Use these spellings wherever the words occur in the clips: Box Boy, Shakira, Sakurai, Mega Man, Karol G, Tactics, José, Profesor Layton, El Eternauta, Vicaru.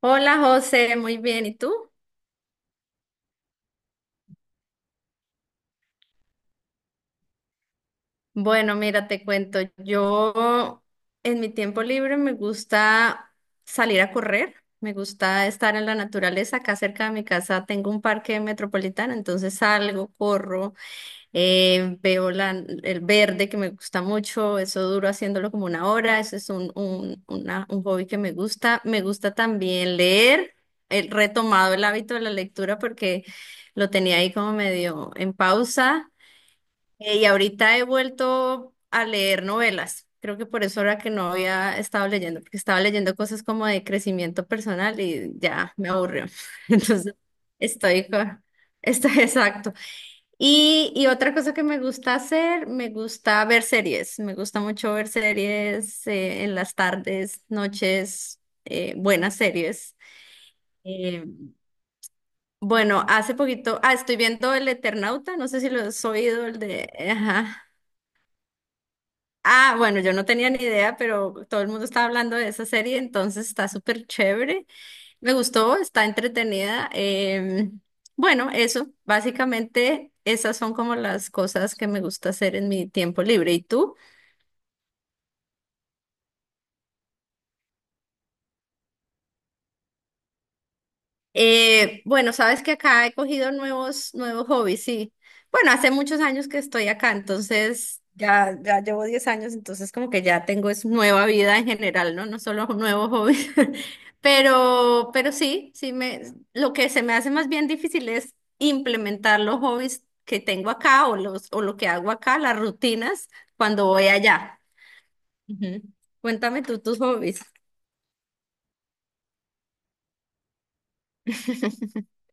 Hola José, muy bien. ¿Y tú? Bueno, mira, te cuento. Yo en mi tiempo libre me gusta salir a correr, me gusta estar en la naturaleza. Acá cerca de mi casa tengo un parque metropolitano, entonces salgo, corro, veo el verde que me gusta mucho. Eso duro haciéndolo como una hora. Ese es un hobby que me gusta. Me gusta también leer. He retomado el hábito de la lectura porque lo tenía ahí como medio en pausa. Y ahorita he vuelto a leer novelas. Creo que por eso era que no había estado leyendo, porque estaba leyendo cosas como de crecimiento personal y ya me aburrió. Entonces, estoy con... Estoy exacto. Y otra cosa que me gusta hacer, me gusta ver series. Me gusta mucho ver series en las tardes, noches, buenas series. Eh, bueno, hace poquito, ah, estoy viendo El Eternauta, no sé si lo has oído, el de... Ajá. Ah, bueno, yo no tenía ni idea, pero todo el mundo estaba hablando de esa serie, entonces está súper chévere. Me gustó, está entretenida. Bueno, eso, básicamente esas son como las cosas que me gusta hacer en mi tiempo libre. ¿Y tú? Bueno, sabes que acá he cogido nuevos hobbies, sí. Bueno, hace muchos años que estoy acá, entonces ya llevo 10 años, entonces como que ya tengo es nueva vida en general, ¿no? No solo nuevos hobbies. Pero sí lo que se me hace más bien difícil es implementar los hobbies que tengo acá o lo que hago acá, las rutinas, cuando voy allá. Ujú. Cuéntame tú tus hobbies.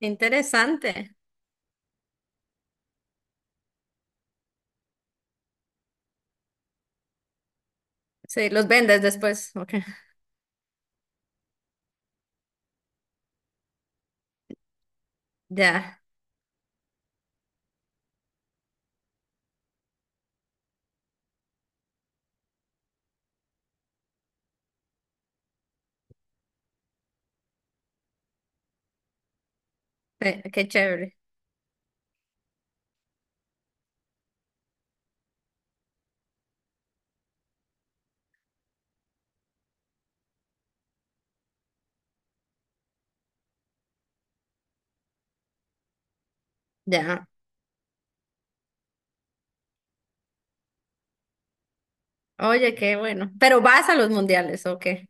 Interesante. Sí, los vendes después. Ok. Ya, qué chévere. Ya. Oye, qué bueno. Pero vas a los mundiales, ¿o qué?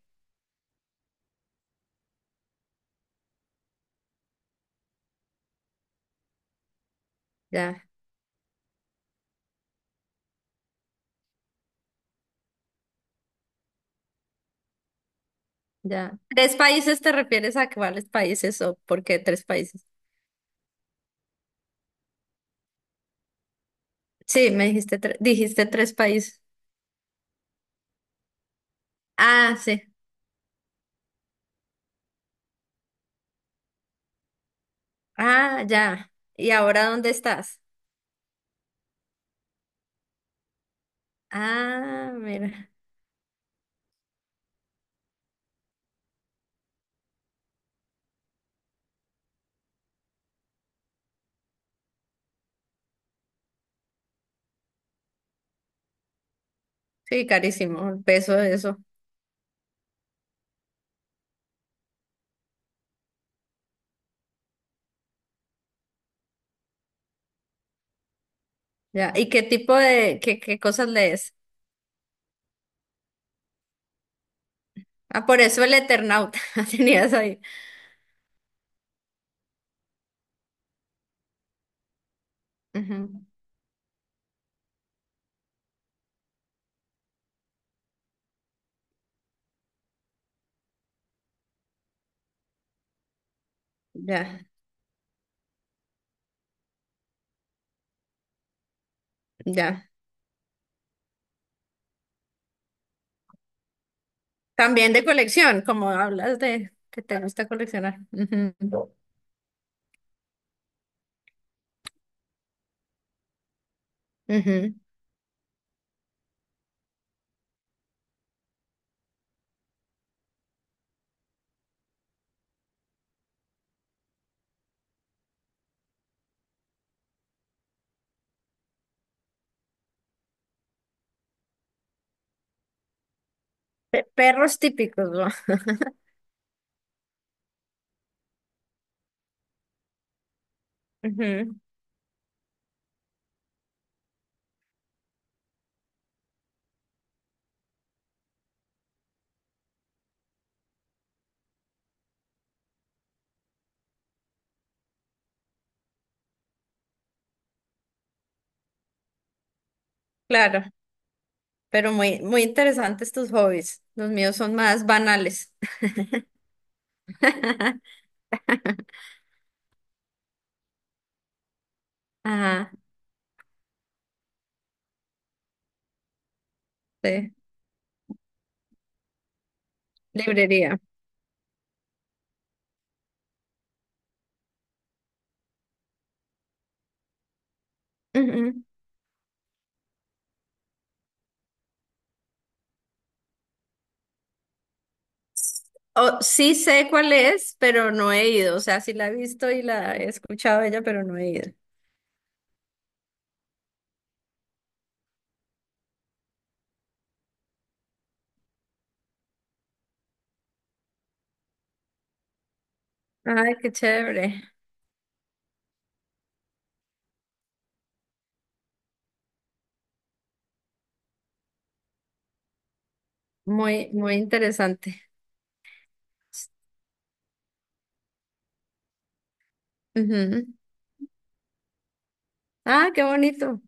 Ya, ya. ¿Tres países te refieres a cuáles países o por qué tres países? Sí, me dijiste tres países. Ah, sí. Ah, ya. ¿Y ahora dónde estás? Ah, mira. Sí, carísimo, el peso de eso. Ya. ¿Y qué tipo de, qué cosas lees? Ah, por eso el Eternauta tenías ahí. Ujú. Ya, ya. También de colección, como hablas de que te gusta coleccionar. Ujú, ujú. Perros típicos, ¿no? Ujú. Claro, pero muy interesantes tus hobbies. Los míos son más banales. Ajá, sí, librería. Ujú. Oh, sí sé cuál es, pero no he ido. O sea, sí la he visto y la he escuchado ella, pero no he ido. Ay, qué chévere. Muy, muy interesante. Ujú. Ah, qué bonito.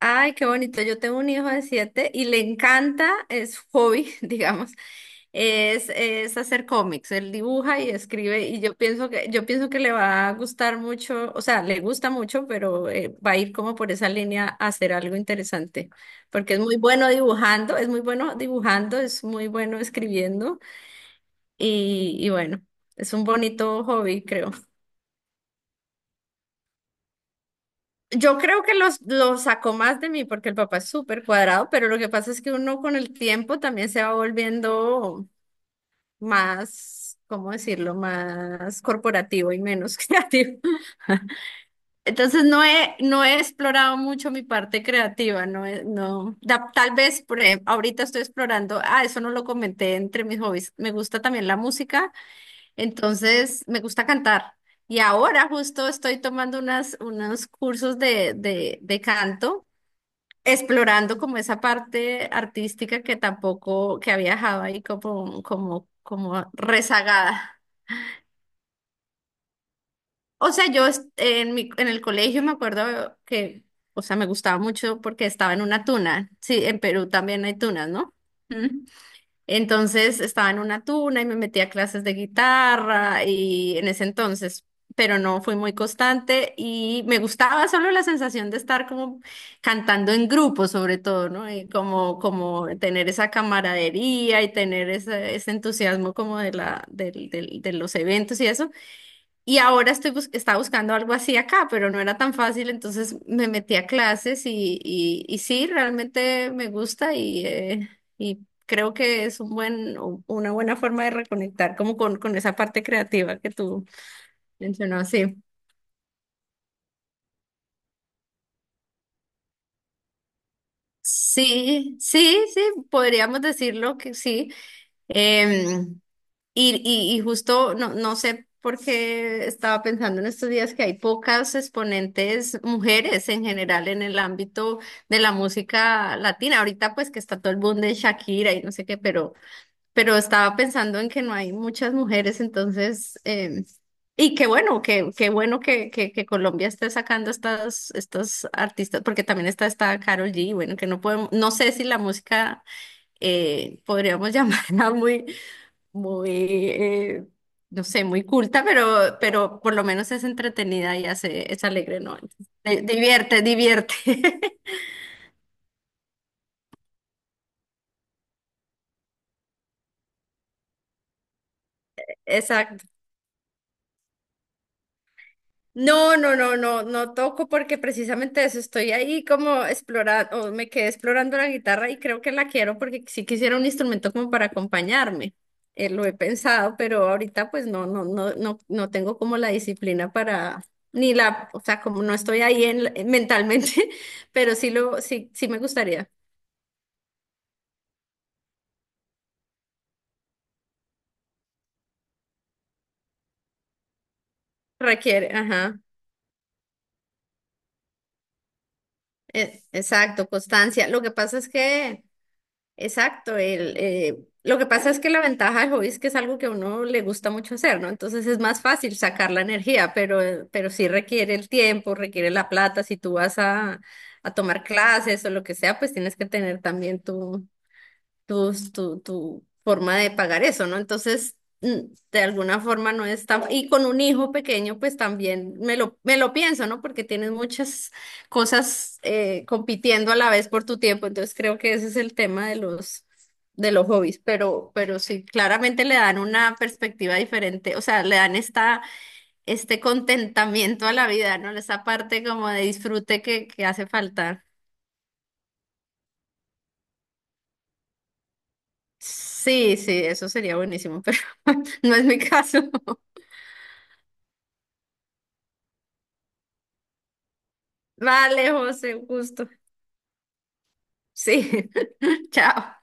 Ay, qué bonito. Yo tengo un hijo de 7 y le encanta, es su hobby, digamos, es hacer cómics. Él dibuja y escribe y yo pienso que le va a gustar mucho, o sea, le gusta mucho, pero va a ir como por esa línea a hacer algo interesante, porque es muy bueno dibujando, es muy bueno dibujando, es muy bueno escribiendo y bueno, es un bonito hobby, creo. Yo creo que lo sacó más de mí porque el papá es súper cuadrado, pero lo que pasa es que uno con el tiempo también se va volviendo más, ¿cómo decirlo?, más corporativo y menos creativo. Entonces no he explorado mucho mi parte creativa, no, tal vez por ejemplo, ahorita estoy explorando, ah, eso no lo comenté entre mis hobbies, me gusta también la música, entonces me gusta cantar. Y ahora justo estoy tomando unos cursos de canto explorando como esa parte artística que tampoco, que había dejado ahí como rezagada. O sea, en mi, en el colegio me acuerdo que, o sea, me gustaba mucho porque estaba en una tuna. Sí, en Perú también hay tunas, ¿no? Entonces estaba en una tuna y me metí a clases de guitarra y en ese entonces, pero no fui muy constante y me gustaba solo la sensación de estar como cantando en grupo sobre todo, ¿no? Y como tener esa camaradería y tener ese entusiasmo como de de los eventos y eso. Y ahora estaba buscando algo así acá, pero no era tan fácil, entonces me metí a clases y sí, realmente me gusta y creo que es una buena forma de reconectar como con esa parte creativa que tú mencionabas, sí. Sí, podríamos decirlo que sí. Em, y justo, no sé por qué estaba pensando en estos días que hay pocas exponentes mujeres en general en el ámbito de la música latina. Ahorita pues que está todo el boom de Shakira y no sé qué, pero estaba pensando en que no hay muchas mujeres, entonces, y qué bueno, qué bueno que Colombia esté sacando estos artistas, porque también está esta Karol G, bueno, que no podemos, no sé si la música podríamos llamarla muy muy, eh, no sé, muy culta, pero por lo menos es entretenida y hace, es alegre, ¿no? Entonces, divierte, divierte. Exacto. No, no, no, no, no toco porque precisamente eso estoy ahí como explorando, o me quedé explorando la guitarra y creo que la quiero porque sí quisiera un instrumento como para acompañarme. Lo he pensado, pero ahorita pues no, no, no, no, no tengo como la disciplina para, ni la, o sea, como no estoy ahí en, mentalmente, pero sí me gustaría. Requiere, ajá, exacto, constancia. Lo que pasa es que exacto, lo que pasa es que la ventaja del hobby es que es algo que a uno le gusta mucho hacer, ¿no? Entonces es más fácil sacar la energía, pero sí requiere el tiempo, requiere la plata. Si tú vas a tomar clases o lo que sea, pues tienes que tener también tu forma de pagar eso, ¿no? Entonces, mm, de alguna forma no es tan... Y con un hijo pequeño, pues también me lo pienso, ¿no? Porque tienes muchas cosas compitiendo a la vez por tu tiempo, entonces creo que ese es el tema de de los hobbies, pero sí, claramente le dan una perspectiva diferente, o sea, le dan esta, este contentamiento a la vida, ¿no? Esa parte como de disfrute que hace falta. Sí, sí, eso sería buenísimo, pero no es mi caso. Vale, José, un gusto. Sí, chao.